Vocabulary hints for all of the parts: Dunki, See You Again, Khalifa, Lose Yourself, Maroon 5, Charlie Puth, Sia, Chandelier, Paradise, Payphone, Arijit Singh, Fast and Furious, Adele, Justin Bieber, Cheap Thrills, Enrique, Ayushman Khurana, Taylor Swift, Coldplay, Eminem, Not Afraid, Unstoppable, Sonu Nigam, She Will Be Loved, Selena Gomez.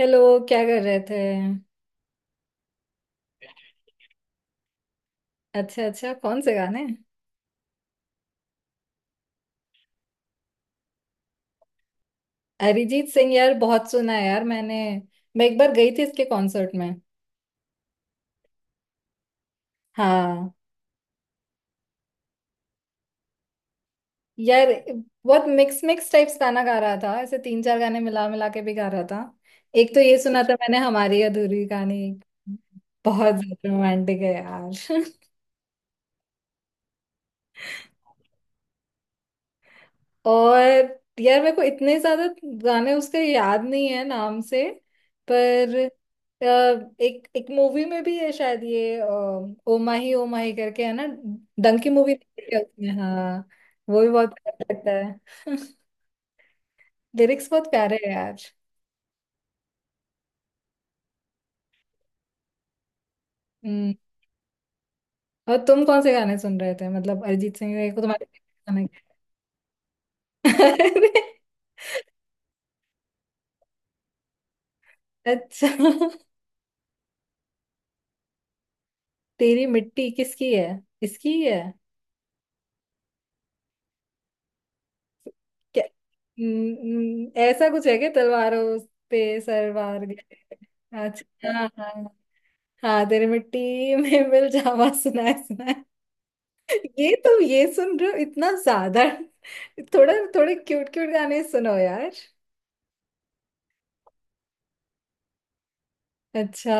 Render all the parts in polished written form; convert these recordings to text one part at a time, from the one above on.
Hello. क्या कर रहे थे? अच्छा अच्छा, कौन से गाने? अरिजीत सिंह, यार बहुत सुना है यार मैंने। मैं एक बार गई थी इसके कॉन्सर्ट में। हाँ। यार बहुत मिक्स मिक्स टाइप्स गाना गा रहा था, ऐसे तीन चार गाने मिला मिला के भी गा रहा था। एक तो ये सुना था मैंने, हमारी अधूरी कहानी। बहुत ज्यादा रोमांटिक है यार। और यार मेरे को इतने ज्यादा गाने उसका याद नहीं है नाम से। पर अ, एक एक मूवी में भी है शायद, ये ओ माही करके, है ना? डंकी मूवी देखी है उसमें, हाँ। वो भी बहुत प्यारा लगता है। लिरिक्स बहुत प्यारे हैं यार। हम्म। और तुम कौन से गाने सुन रहे थे मतलब अरिजीत सिंह को तुम्हारे गाने? अरे। अच्छा। तेरी मिट्टी किसकी है? इसकी ही है? क्या? ऐसा कुछ है क्या, तलवारों पे सरवार गए? अच्छा हाँ हाँ। हाँ तेरे मिट्टी में मिल जावा, सुना है सुना है। ये तुम ये सुन रहे हो इतना ज्यादा? थोड़ा थोड़े क्यूट क्यूट गाने सुनो यार। अच्छा।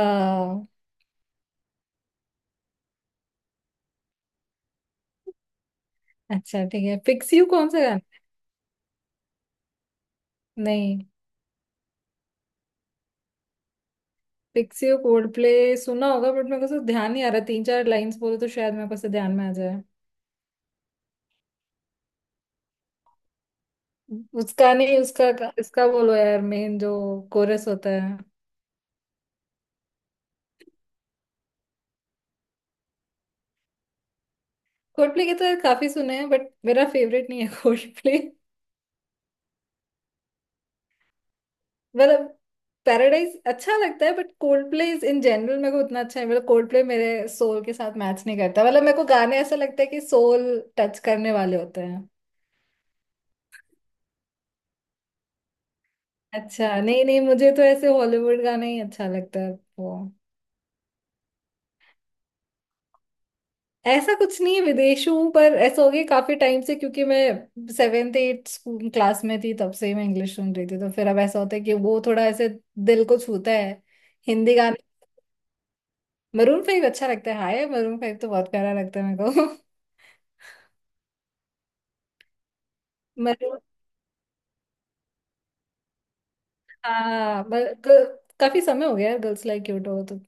अच्छा ठीक है, फिक्स यू कौन सा गाना? नहीं। फिक्स यू कोल्ड प्ले सुना होगा, बट मेरे को तो ध्यान नहीं आ रहा। तीन चार लाइंस बोलो तो शायद मेरे को से ध्यान में आ जाए। उसका नहीं, उसका इसका बोलो यार, मेन जो कोरस होता है। कोल्डप्ले के तो यार काफी सुने हैं, बट मेरा फेवरेट नहीं है कोल्डप्ले। मतलब पैराडाइज अच्छा लगता है, but Coldplay is in general मेरे को उतना अच्छा है। मतलब कोल्डप्ले मेरे सोल के साथ मैच नहीं करता। मतलब मेरे को गाने ऐसा लगता है कि सोल टच करने वाले होते हैं। अच्छा। नहीं नहीं, मुझे तो ऐसे हॉलीवुड गाना ही अच्छा लगता है वो। ऐसा कुछ नहीं है विदेशी हूँ, पर ऐसा हो गया काफी टाइम से, क्योंकि मैं सेवेंथ एट स्कूल क्लास में थी, तब से ही मैं इंग्लिश सुन रही थी, तो फिर अब ऐसा होता है कि वो थोड़ा ऐसे दिल को छूता है। हिंदी गाने। मरून फाइव अच्छा लगता है, हाय मरून फाइव तो बहुत प्यारा लगता है मेरे को। मरून। हाँ ब- काफी समय हो गया यार, गर्ल्स लाइक क्यूट हो तो।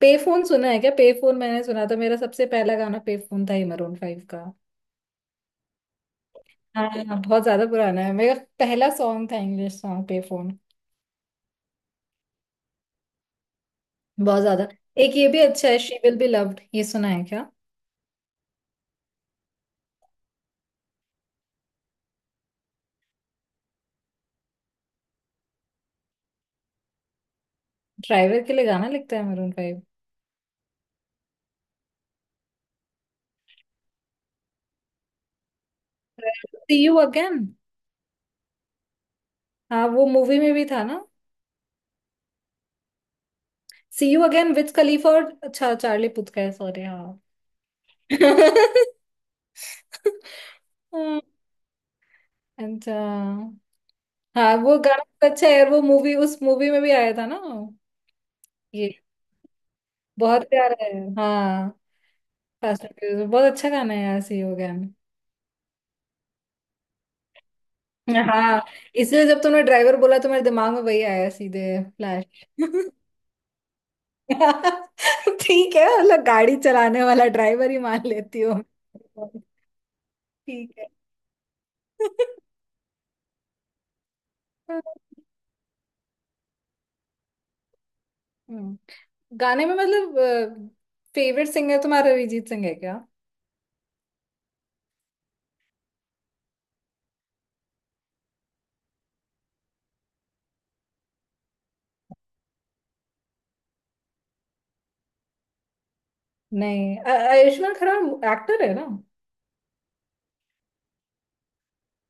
पे फोन सुना है क्या? पे फोन मैंने सुना था, मेरा सबसे पहला गाना पे फोन था ही मरून फाइव का। हाँ हाँ, बहुत ज्यादा पुराना है। मेरा पहला सॉन्ग था इंग्लिश सॉन्ग पे फोन। बहुत ज्यादा। एक ये भी अच्छा है, शी विल बी लव्ड, ये सुना है क्या? ड्राइवर के लिए गाना लिखता है Maroon Five? See you again. हाँ वो मूवी में भी था ना। See you again Wiz Khalifa, और अच्छा चार्ली पुथ का है, सॉरी, हाँ। हाँ। अच्छा। हाँ वो गाना बहुत अच्छा है, और वो मूवी, उस मूवी में भी आया था ना ये, बहुत प्यारा है। हाँ। फास्ट एंड फ्यूरियस, बहुत अच्छा गाना है यार, सी हो गया। मैं हाँ, इसलिए जब तुमने ड्राइवर बोला तो मेरे दिमाग में वही आया सीधे फ्लैश। ठीक है, मतलब गाड़ी चलाने वाला ड्राइवर ही मान लेती हूँ। ठीक है। हम्म। गाने में मतलब फेवरेट सिंगर तुम्हारा अरिजीत सिंह है? नहीं आयुष्मान खुराना एक्टर है ना?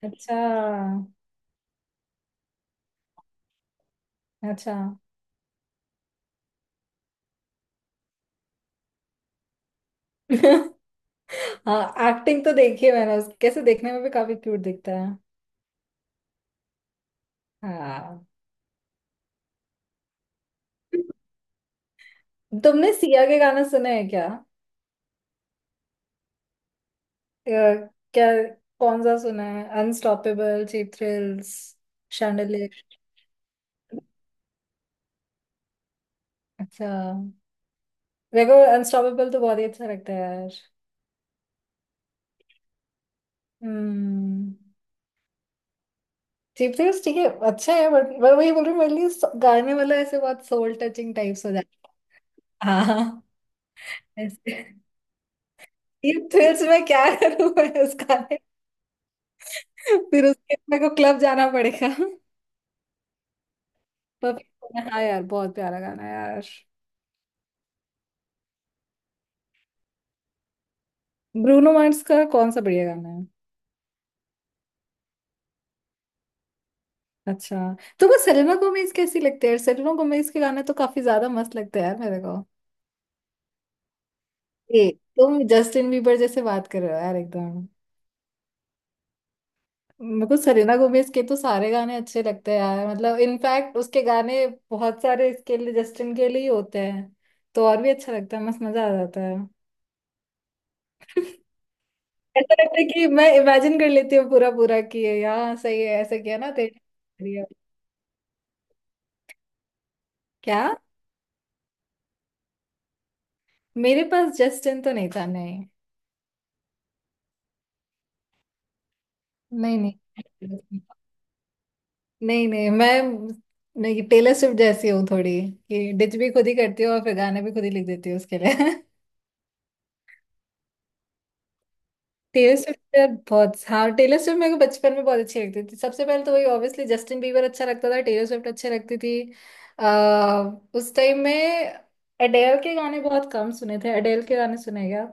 अच्छा। अच्छा। हाँ एक्टिंग तो देखी है मैंने उस, कैसे देखने में भी काफी क्यूट दिखता है। हाँ। तुमने सिया के गाने सुने हैं क्या? अ, क्या? कौन सा सुना है, अनस्टॉपेबल, चीप थ्रिल्स, शैंडलियर? अच्छा। देखो अनस्टॉपेबल तो बहुत ही अच्छा लगता है यार। हम्म। चीप थ्रिल्स ठीक है, अच्छा है, बट मैं वही बोल रही हूँ मेरे लिए गाने वाला ऐसे बहुत सोल टचिंग टाइप्स हो जाता है। हाँ ऐसे। ये थ्रिल्स में क्या करूँ मैं उसका, फिर उसके मेरे को क्लब जाना पड़ेगा। पर हाँ यार बहुत प्यारा गाना है यार। ब्रूनो मार्स का कौन सा बढ़िया गाना है? अच्छा। तुमको सेलेना गोमेज कैसी लगती है? सेलेना गोमेज के गाने तो काफी ज्यादा मस्त लगते हैं यार मेरे को। ए, तुम जस्टिन बीबर जैसे बात कर रहे हो यार एकदम। मेरे को सेलेना गोमेज के तो सारे गाने अच्छे लगते हैं यार, मतलब इनफैक्ट उसके गाने बहुत सारे इसके लिए, जस्टिन के लिए ही होते हैं, तो और भी अच्छा लगता है, मस्त मजा आ जाता है। ऐसा लगता है कि मैं इमेजिन कर लेती हूँ पूरा पूरा कि ये यहाँ सही है, ऐसा किया ना तेरे। क्या? मेरे पास जस्टिन तो नहीं था, नहीं। नहीं नहीं नहीं नहीं मैं नहीं, टेलर स्विफ्ट जैसी हूँ थोड़ी, कि डिच भी खुद ही करती हूँ और फिर गाने भी खुद ही लिख देती हूँ उसके लिए। टेलर स्विफ्ट यार बहुत, हाँ टेलर स्विफ्ट मेरे को बचपन में बहुत अच्छी लगती थी। सबसे पहले तो वही ऑब्वियसली, जस्टिन बीबर अच्छा लगता था, टेलर स्विफ्ट अच्छी लगती थी आ, उस टाइम में। एडेल के गाने बहुत कम सुने थे, एडेल के गाने सुने क्या?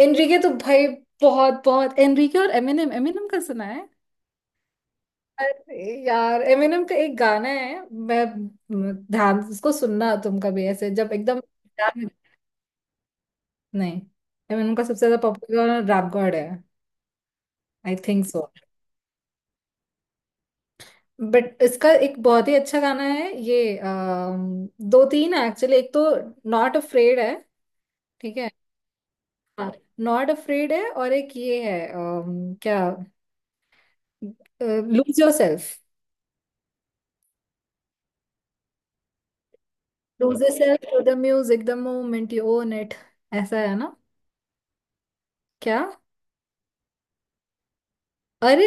एनरिके तो भाई बहुत, बहुत एनरिके। और एमिनेम, एमिनेम का सुना है? अरे यार एमिनेम का एक गाना है, ध्यान से उसको सुनना तुम कभी, ऐसे जब एकदम। नहीं, एमिनेम का सबसे ज्यादा पॉपुलर गाना रैप गॉड है। I think so. बट इसका एक बहुत ही अच्छा गाना है ये, दो तीन है एक्चुअली। एक तो नॉट अफ्रेड है। ठीक है। नॉट अफ्रेड है, और एक ये है, क्या, lose yourself. Lose yourself to the music, the moment you own it, ऐसा है ना? क्या? अरे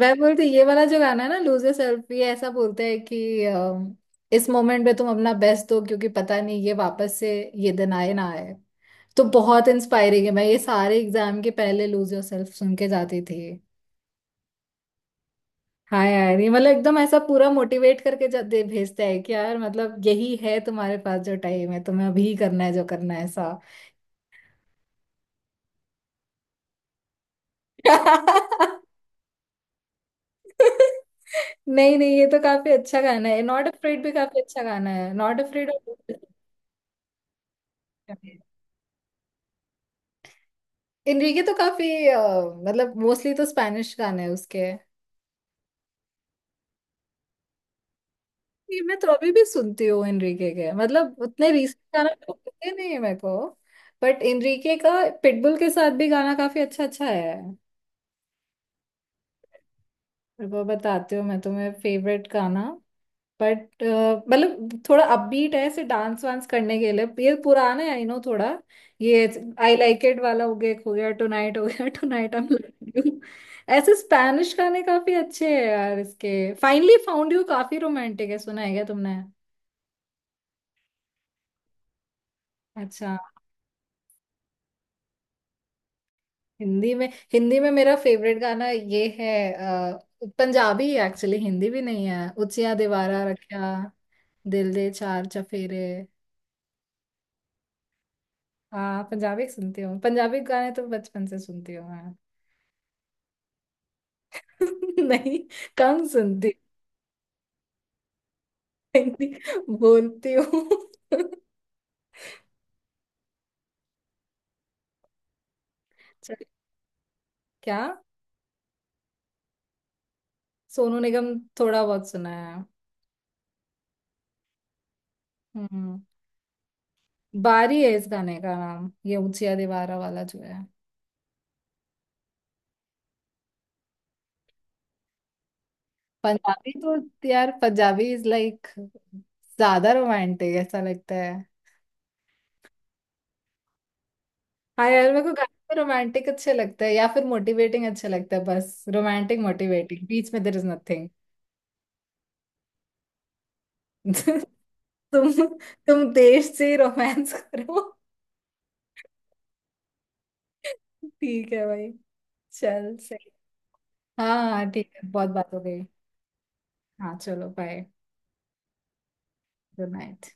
वह बोलती, ये वाला जो गाना है ना, लूज yourself, ये ऐसा बोलता है कि इस मोमेंट में तुम अपना बेस्ट दो, क्योंकि पता नहीं ये वापस से, ये दिन आए ना आए। तो बहुत इंस्पायरिंग है, मैं ये सारे एग्जाम के पहले लूज योरसेल्फ सुन के जाती थी। हाँ यार ये मतलब एकदम ऐसा पूरा मोटिवेट करके दे भेजता है कि यार मतलब यही है, तुम्हारे पास जो टाइम है तुम्हें अभी ही करना है जो करना है। ऐसा। नहीं नहीं, ये तो काफी अच्छा गाना है, नॉट अफ्रेड भी काफी अच्छा गाना है, नॉट अफ्रेड। और इनरिके तो काफी मतलब मोस्टली तो स्पैनिश गाने हैं उसके। ये मैं तो अभी भी सुनती हूँ इनरिके के, मतलब उतने रीसेंट गाना तो पता नहीं है मेरे को, बट इनरिके का पिटबुल के साथ भी गाना काफी अच्छा अच्छा है। मेरे को बताती हूँ मैं तुम्हें फेवरेट गाना, बट मतलब थोड़ा अपबीट है ऐसे डांस वांस करने के लिए। ये पुराना है आई नो थोड़ा, ये आई लाइक इट वाला हो गया, एक हो गया टुनाइट हो गया, टुनाइट आई लव यू। ऐसे स्पैनिश गाने काफी अच्छे हैं यार इसके। फाइनली फाउंड यू काफी रोमांटिक है, सुना है क्या तुमने? अच्छा। हिंदी में, हिंदी में मेरा फेवरेट गाना ये है पंजाबी एक्चुअली, हिंदी भी नहीं है, उचिया दीवारा रखा दिल दे चार चफेरे। हाँ पंजाबी सुनती हूँ, पंजाबी गाने तो बचपन से सुनती हूँ। नहीं, कम सुनती हूँ। हिंदी बोलती हूँ। चल, क्या? सोनू निगम? थोड़ा बहुत सुना है। हम्म। बारी है इस गाने का नाम, ये ऊंचिया दीवारा वाला जो है। पंजाबी तो यार पंजाबी इज लाइक ज्यादा रोमांटिक ऐसा लगता है। हाँ यार मेरे को गाने रोमांटिक अच्छे लगते हैं या फिर मोटिवेटिंग अच्छे लगते हैं, बस रोमांटिक मोटिवेटिंग बीच में देर इज नथिंग। तुम तुम देश से रोमांस करो। ठीक है भाई, चल सही। हाँ हाँ ठीक है, बहुत बात हो गई। हाँ चलो बाय, गुड नाइट।